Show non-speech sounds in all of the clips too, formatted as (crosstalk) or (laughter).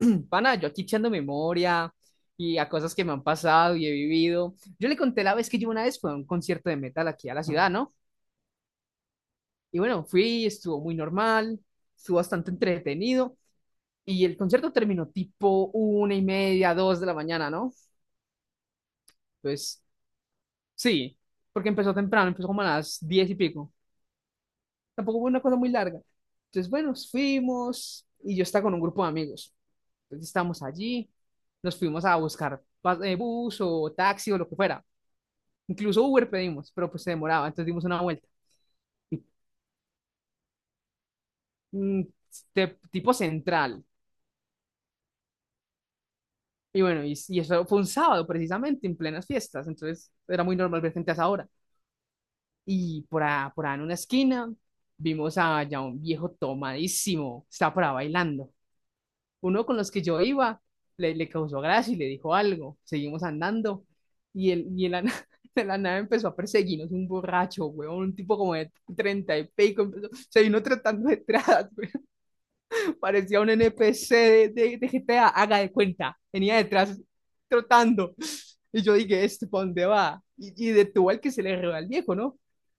(clears throat) Pana, yo aquí echando memoria y a cosas que me han pasado y he vivido. Yo le conté la vez que yo una vez fui a un concierto de metal aquí a la ciudad, ¿no? Y bueno, fui, estuvo muy normal, estuvo bastante entretenido y el concierto terminó tipo una y media, dos de la mañana, ¿no? Pues sí, porque empezó temprano, empezó como a las diez y pico. Tampoco fue una cosa muy larga. Entonces, bueno, fuimos y yo estaba con un grupo de amigos. Entonces estábamos allí, nos fuimos a buscar bus o taxi o lo que fuera. Incluso Uber pedimos, pero pues se demoraba, entonces dimos una vuelta. Y, mm, de tipo central. Y bueno, y eso fue un sábado precisamente, en plenas fiestas, entonces era muy normal ver gente a esa hora. Y por ahí en una esquina vimos a ya un viejo tomadísimo, estaba por ahí bailando. Uno con los que yo iba le causó gracia y le dijo algo. Seguimos andando y (laughs) de la nave (laughs) empezó a perseguirnos un borracho, weón, un tipo como de treinta y pico, se vino tratando detrás. (laughs) Parecía un NPC de GTA, haga de cuenta. Venía detrás trotando. Y yo dije, ¿este para dónde va? Y detuvo al que se le roba al viejo, ¿no?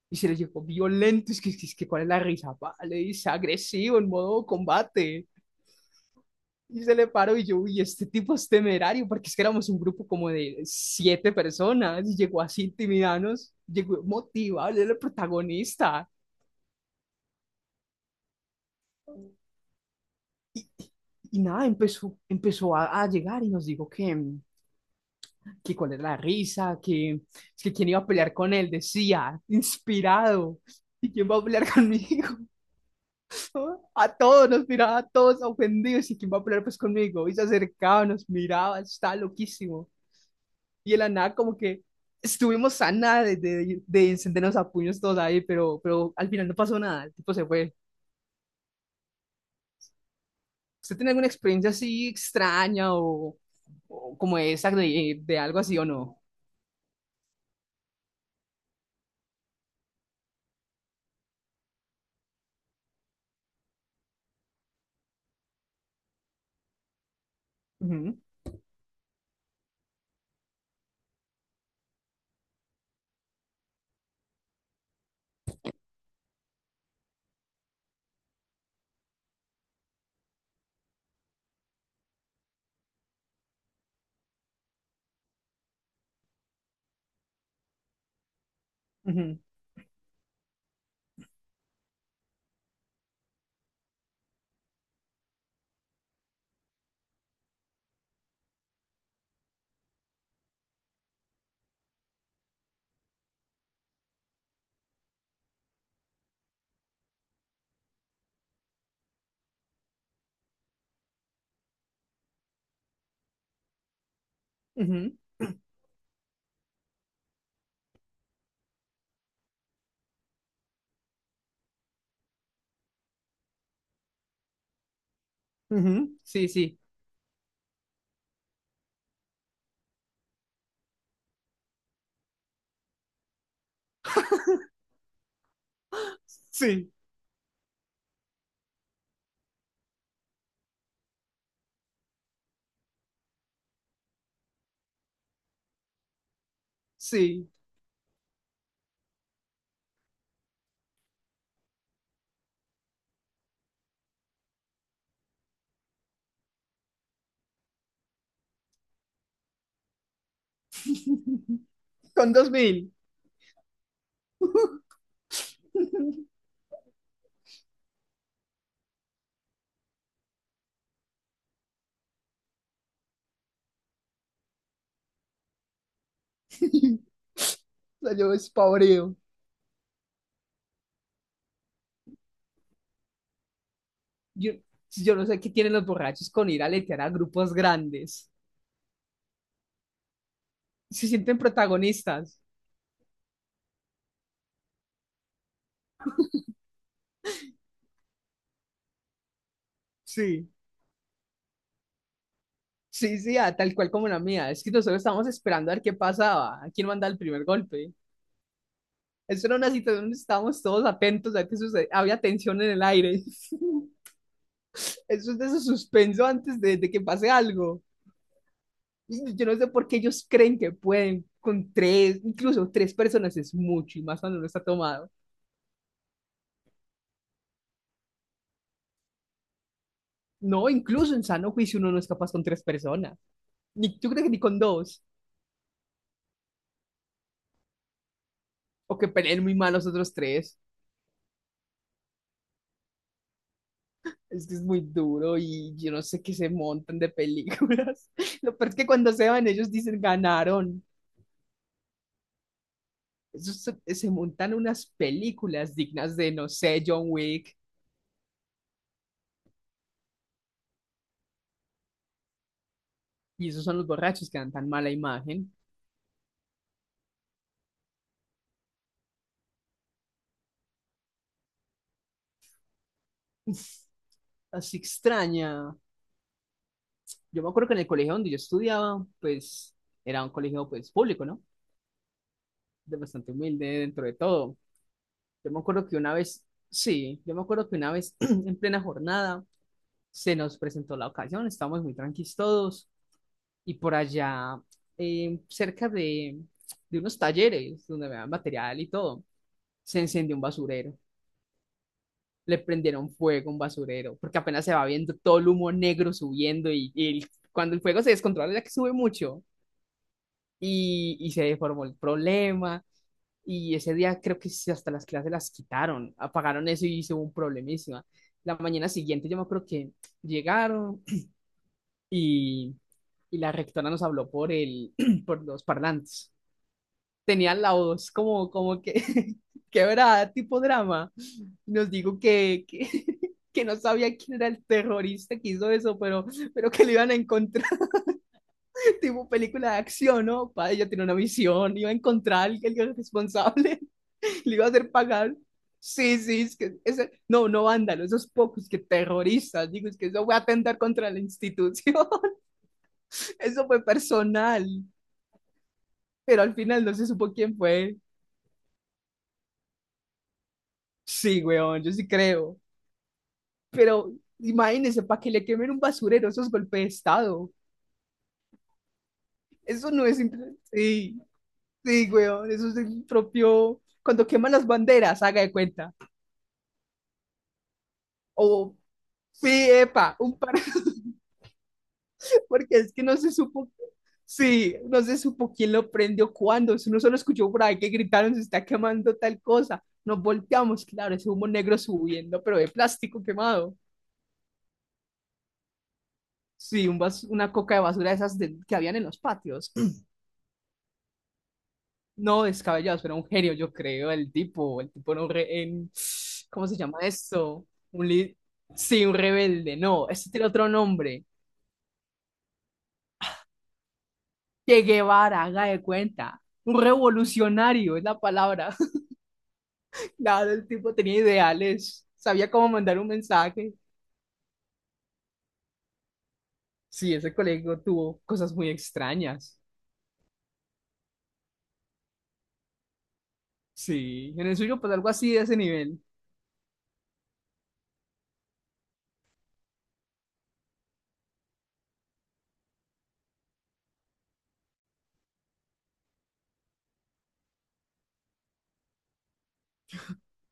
Y se le llegó violento. ¿Cuál es la risa? ¿pa? Le dice agresivo, en modo combate. Y se le paró y yo, uy, este tipo es temerario, porque es que éramos un grupo como de siete personas y llegó así intimidanos, llegó motivado, él era el protagonista. Y, y nada, empezó a llegar y nos dijo que cuál era la risa, que es que quién iba a pelear con él, decía, inspirado. ¿Y quién va a pelear conmigo? (laughs) A todos, nos miraba a todos ofendidos. ¿Y quién va a pelear pues conmigo? Y se acercaba, nos miraba, estaba loquísimo. Y de la nada como que estuvimos a nada de, de encendernos a puños todos ahí, pero al final no pasó nada, el tipo se fue. ¿Usted tiene alguna experiencia así extraña o como esa de algo así o no? Ujú, ujú, ujú, ujú. Sí, sí. Sí, sí. (laughs) Con dos mil. (laughs) Salió despavoreo. Yo, yo no sé qué tienen los borrachos con ir a letear a grupos grandes. Se sienten protagonistas. Sí, sí, sí, ah, tal cual como la mía. Es que nosotros estábamos esperando a ver qué pasaba, a quién manda el primer golpe. Eso era una situación donde estábamos todos atentos a ver qué sucede. Había tensión en el aire. (laughs) Eso es de ese suspenso antes de que pase algo. Yo no sé por qué ellos creen que pueden con tres, incluso tres personas es mucho y más cuando uno está tomado. No, incluso en sano juicio uno no es capaz con tres personas. Ni, ¿tú crees que ni con dos? O que peleen muy mal los otros tres. Es que es muy duro y yo no sé qué se montan de películas. (laughs) Lo peor es que cuando se van ellos dicen ganaron. Esos se, se montan unas películas dignas de, no sé, John Wick. Y esos son los borrachos que dan tan mala imagen. Uf, así extraña. Yo me acuerdo que en el colegio donde yo estudiaba, pues era un colegio pues público, ¿no? De bastante humilde dentro de todo. Yo me acuerdo que una vez, sí, yo me acuerdo que una vez (clears throat) en plena jornada se nos presentó la ocasión, estábamos muy tranquilos todos y por allá cerca de unos talleres donde me dan material y todo, se encendió un basurero. Le prendieron fuego a un basurero, porque apenas se va viendo todo el humo negro subiendo y, cuando el fuego se descontrola, ya que sube mucho, y se deformó el problema. Y ese día creo que sí, hasta las clases las quitaron, apagaron eso y hizo un problemísima. La mañana siguiente yo me acuerdo que llegaron y, y la rectora nos habló por, el, (clears throat) por los parlantes. Tenían la voz como, como que (laughs) quebrada, tipo drama. Nos dijo (laughs) que no sabía quién era el terrorista que hizo eso, pero que lo iban a encontrar. Tipo película de acción, ¿no? Para ella tiene una misión, iba a encontrar al responsable, (laughs) le iba a hacer pagar. Sí, sí, es que ese, no, no vándalo, esos pocos que terroristas, digo, es que eso voy a atentar contra la institución, (laughs) eso fue personal, pero al final no se supo quién fue. Sí, weón, yo sí creo, pero imagínense, para que le quemen un basurero, esos golpes de Estado, eso no es, sí, sí, weón, eso es el propio, cuando queman las banderas, haga de cuenta. O, sí, epa, un par, (laughs) porque es que no se supo, sí, no se supo quién lo prendió cuándo. Eso uno solo escuchó por ahí que gritaron, se está quemando tal cosa. Nos volteamos, claro, ese humo negro subiendo, pero de plástico quemado. Sí, una coca de basura de esas que habían en los patios. No descabellados, pero un genio, yo creo, el tipo no re- en, ¿cómo se llama esto? Un li- sí, un rebelde, no, este tiene otro nombre. Che Guevara, haga de cuenta. Un revolucionario es la palabra. (laughs) Claro, el tipo tenía ideales, sabía cómo mandar un mensaje. Sí, ese colegio tuvo cosas muy extrañas. Sí, en el suyo, pues algo así de ese nivel.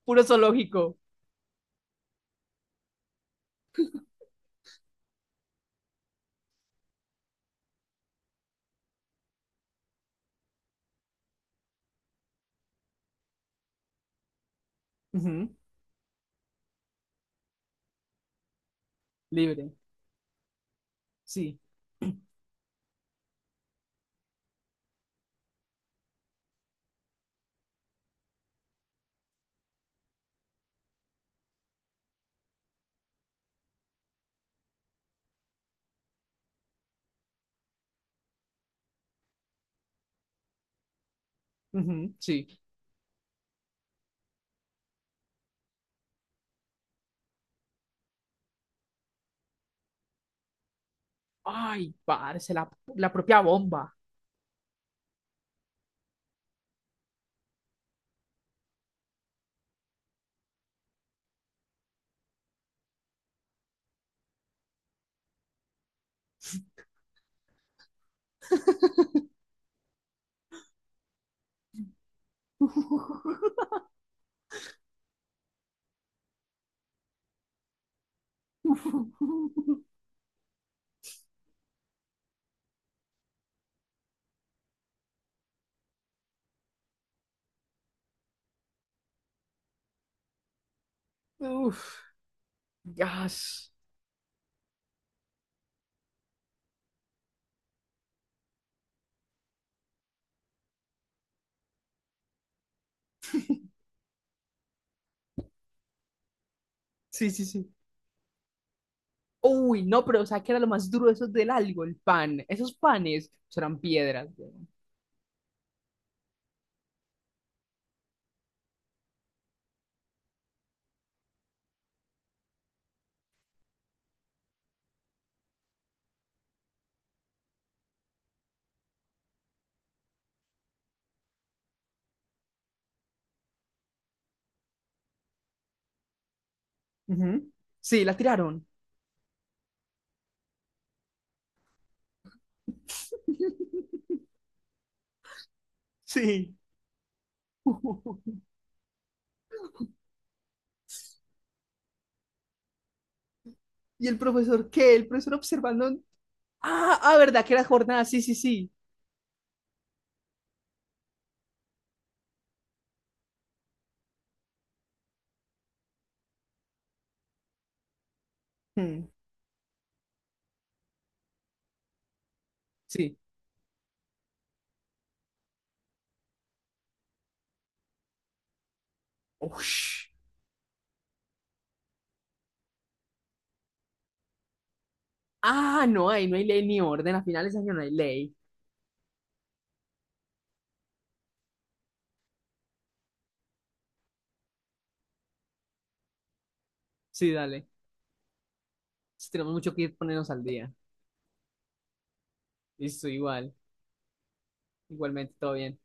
Puro zoológico. Ujú, libre. Sí. Ujú, sí. Ay, parce, la propia bomba. (laughs) Uf, gas. Sí, sí, sí. Uy, no, pero o sea, que era lo más duro de esos del algo, el pan. Esos panes pues, eran piedras. Weón. Ujú. Sí, la tiraron. Sí. (laughs) ¿Y el profesor qué? El profesor observando. Ah, ah, verdad, que era jornada. Sí, sí, sí. Mm. Sí. Ush. Ah, no, ahí no hay ley ni orden. A finales de año no hay ley. Sí, dale. Sí, tenemos mucho que ponernos al día. Listo, igual. Igualmente, todo bien.